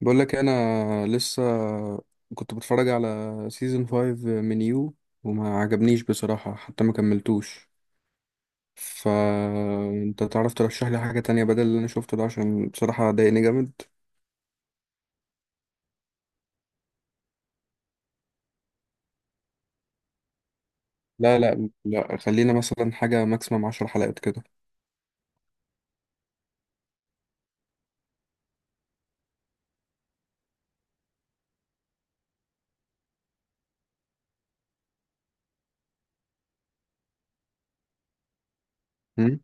بقول لك انا لسه كنت بتفرج على سيزون 5 من يو، وما عجبنيش بصراحة، حتى ما كملتوش. فانت تعرف ترشح لي حاجة تانية بدل اللي انا شفته ده، عشان بصراحة ضايقني جامد. لا لا لا، خلينا مثلا حاجة ماكسيمم 10 حلقات كده. أمم.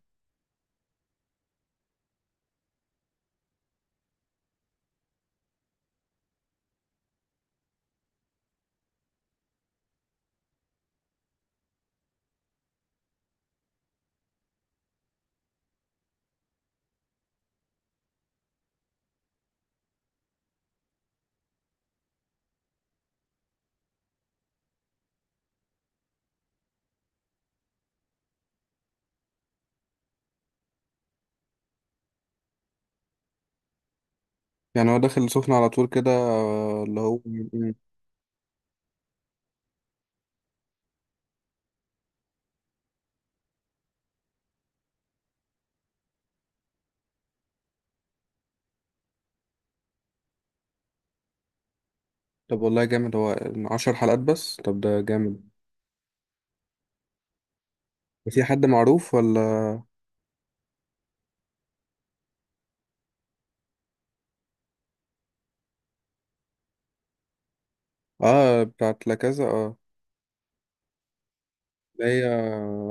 يعني هو داخل سخن على طول كده؟ اللي هو. أمم. طب والله جامد هو. 10 حلقات بس؟ طب ده جامد. في حد معروف ولا؟ اه بتاعت لا كذا، اه اللي هي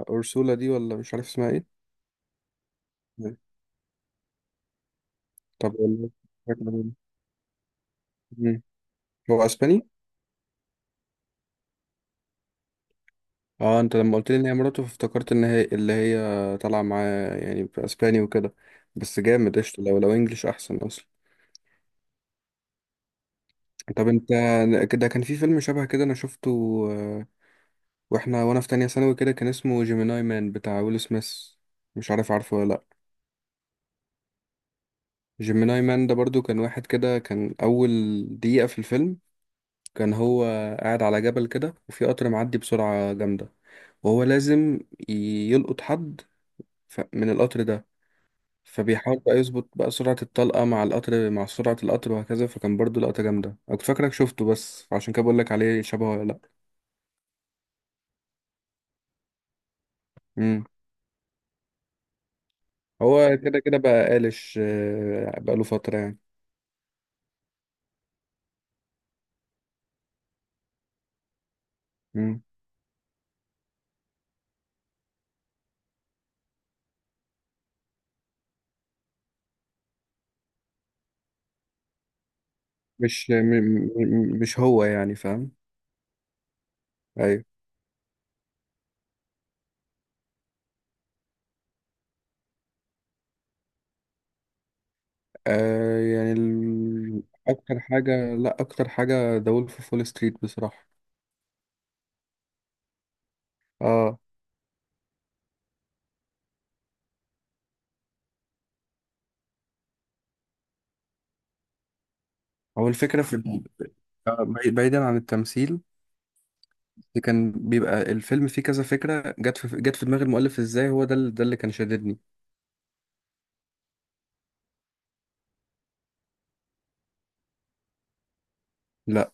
أورسولا دي، ولا مش عارف اسمها ايه. طب والله فكرة جميلة. مم. هو اسباني؟ اه، انت لما قلت لي ان هي مراته، فافتكرت ان هي اللي هي طالعه معاه يعني في اسباني وكده. بس جامد قشطه، لو لو انجلش احسن اصلا. طب انت كده كان في فيلم شبه كده انا شفته، آه، وانا في تانية ثانوي كده، كان اسمه جيميناي مان بتاع ويل سميث. مش عارف عارفه ولا لا. جيميناي مان ده برضو كان واحد كده، كان اول دقيقة في الفيلم كان هو قاعد على جبل كده، وفي قطر معدي بسرعة جامدة، وهو لازم يلقط حد من القطر ده. فبيحاول بقى يظبط بقى سرعة الطلقة مع القطر، مع سرعة القطر وهكذا. فكان برضو لقطة جامدة، أنا كنت فاكرك شفته، بس عشان كده بقول لك عليه، شبهه ولا لأ؟ مم. هو كده كده بقى قالش، بقى له فترة يعني. مم. مش م- م- مش هو يعني، فاهم؟ أيوة. آه يعني ال... أكتر حاجة لأ، أكتر حاجة ذا وولف أوف وول ستريت بصراحة. اه، هو الفكرة في آه، بعيدا عن التمثيل، اللي كان بيبقى الفيلم فيه كذا فكرة، جت في دماغ المؤلف ازاي، هو ده ده اللي كان شاددني. لا.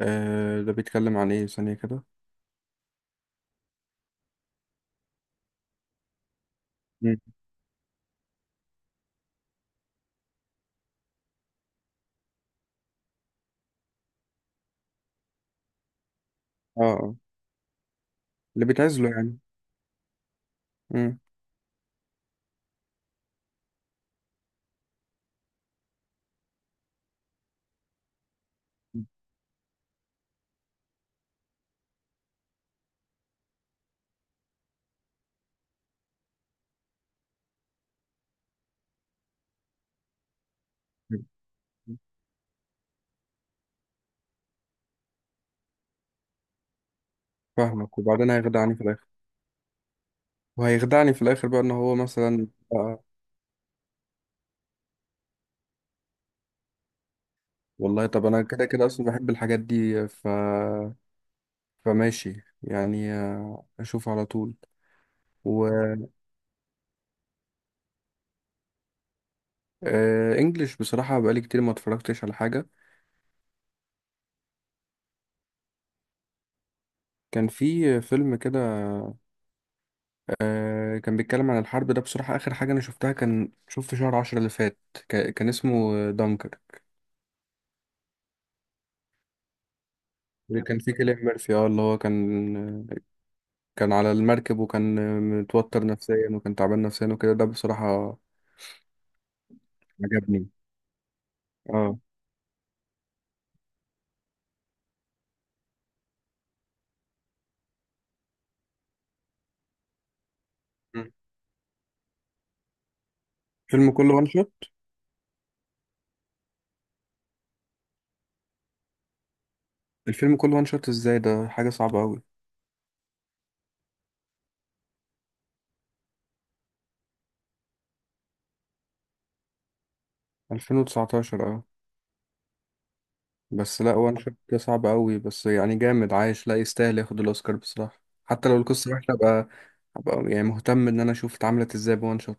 آه ده بيتكلم عن ايه ثانية كده؟ مم. اه آه. اللي بيتعزله يعني. مم. فاهمك، وبعدين هيخدعني في الاخر، وهيخدعني في الاخر بقى ان هو مثلا. آه. والله طب انا كده كده اصلا بحب الحاجات دي، فماشي يعني، آه، اشوف على طول. و آه، انجلش بصراحة بقالي كتير ما اتفرجتش على حاجة. كان في فيلم كده، آه، كان بيتكلم عن الحرب. ده بصراحة آخر حاجة أنا شفتها، كان شوف في شهر عشرة اللي فات. كان اسمه دانكر. اللي كان فيه كيليان ميرفي، اه اللي هو كان، كان على المركب، وكان متوتر نفسيا، وكان تعبان نفسيا وكده. ده بصراحة عجبني، اه. مم. الفيلم كله وان شوت؟ الفيلم كله وان شوت ازاي؟ ده حاجة صعبة أوي. 2019 اه. بس لا، وان شوت ده صعب أوي، بس يعني جامد، عايش، لا يستاهل ياخد الأوسكار بصراحة، حتى لو القصة وحشة، أبقى أبقى يعني مهتم إن أنا أشوف اتعملت ازاي بوان شوت.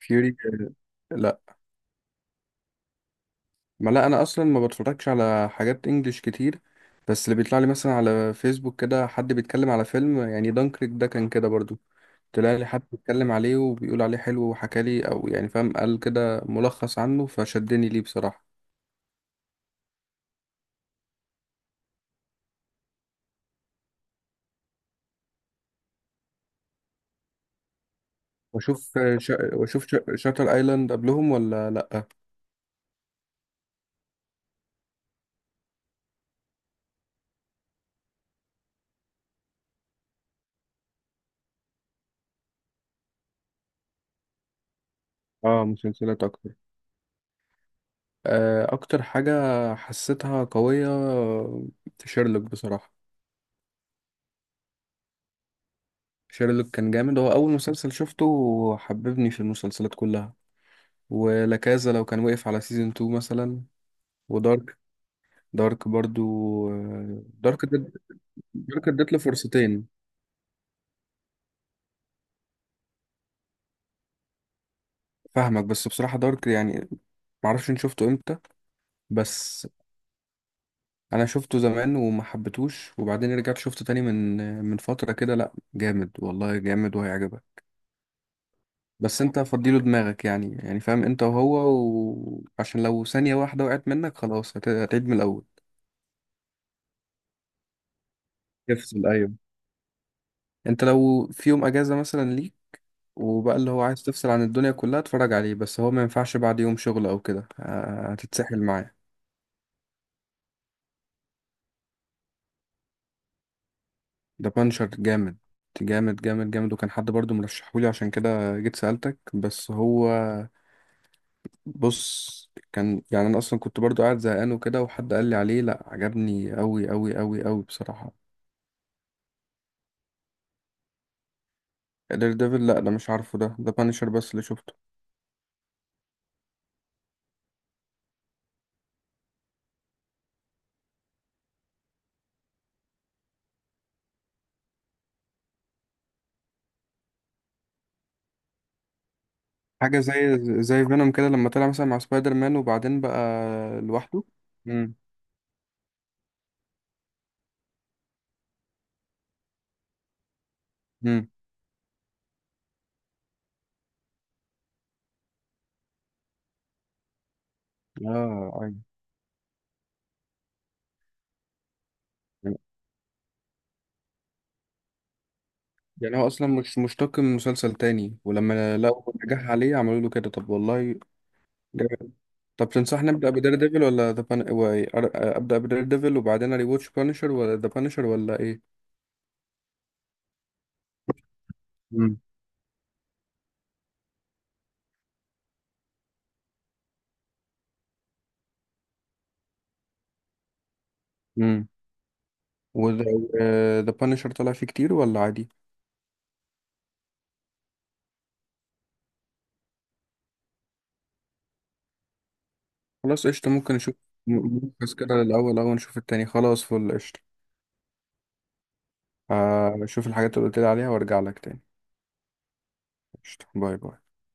فيوري؟ لا. ما لا انا اصلا ما بتفرجش على حاجات انجليش كتير، بس اللي بيطلع لي مثلا على فيسبوك كده، حد بيتكلم على فيلم، يعني دانكريك ده كان كده برضو، طلع لي حد بيتكلم عليه وبيقول عليه حلو وحكى لي، او يعني فاهم، قال كده ملخص عنه فشدني ليه بصراحة. واشوف شاتر ايلاند قبلهم ولا لا؟ اه، مسلسلات اكتر. آه، اكتر حاجة حسيتها قوية شيرلوك بصراحة. شيرلوك كان جامد، هو أول مسلسل شفته وحببني في المسلسلات كلها. ولاكازا لو كان وقف على سيزون 2 مثلا. ودارك، دارك برضو، آه، دارك ادت له فرصتين. فاهمك، بس بصراحة دارك يعني، معرفش إن شفته امتى. بس انا شفته زمان وما حبيتهوش، وبعدين رجعت شفته تاني من من فترة كده. لا جامد والله، جامد وهيعجبك. بس انت فضيله دماغك يعني، يعني فاهم انت وهو، وعشان لو ثانية واحدة وقعت منك خلاص هتعيد من الاول. يفصل، ايوه. انت لو في يوم اجازه مثلا ليك، وبقى اللي هو عايز تفصل عن الدنيا كلها، اتفرج عليه. بس هو ما ينفعش بعد يوم شغل او كده، هتتسحل معاه. ده بانشر جامد، جامد جامد جامد وكان حد برضو مرشحهولي، عشان كده جيت سألتك. بس هو، بص كان يعني انا اصلا كنت برضو قاعد زهقان وكده، وحد قال لي عليه، لا عجبني قوي قوي قوي قوي بصراحه. دير ديفل لا ده مش عارفه، ده بانشر بس اللي شفته. حاجة زي، زي فينوم كده لما طلع مثلا مع سبايدر مان، وبعدين بقى لوحده. امم. امم. اه ايوه. يعني يعني هو اصلا مش مشتق من مسلسل تاني، ولما لقوا نجاح عليه عملوا له كده؟ طب والله جامد. طب تنصحني ابدا بدير ديفل ولا ذا ابدا بدير ديفل وبعدين اري واتش بانشر، ولا ذا بانشر، ولا ايه؟ امم. امم. وذا بانشر طلع فيه كتير ولا عادي؟ خلاص قشطة، ممكن نشوف. م- ملخص كده الأول، أول نشوف التاني، خلاص فل قشطة. آه، شوف الحاجات اللي قلت لي عليها وارجع لك تاني. قشطة. باي باي.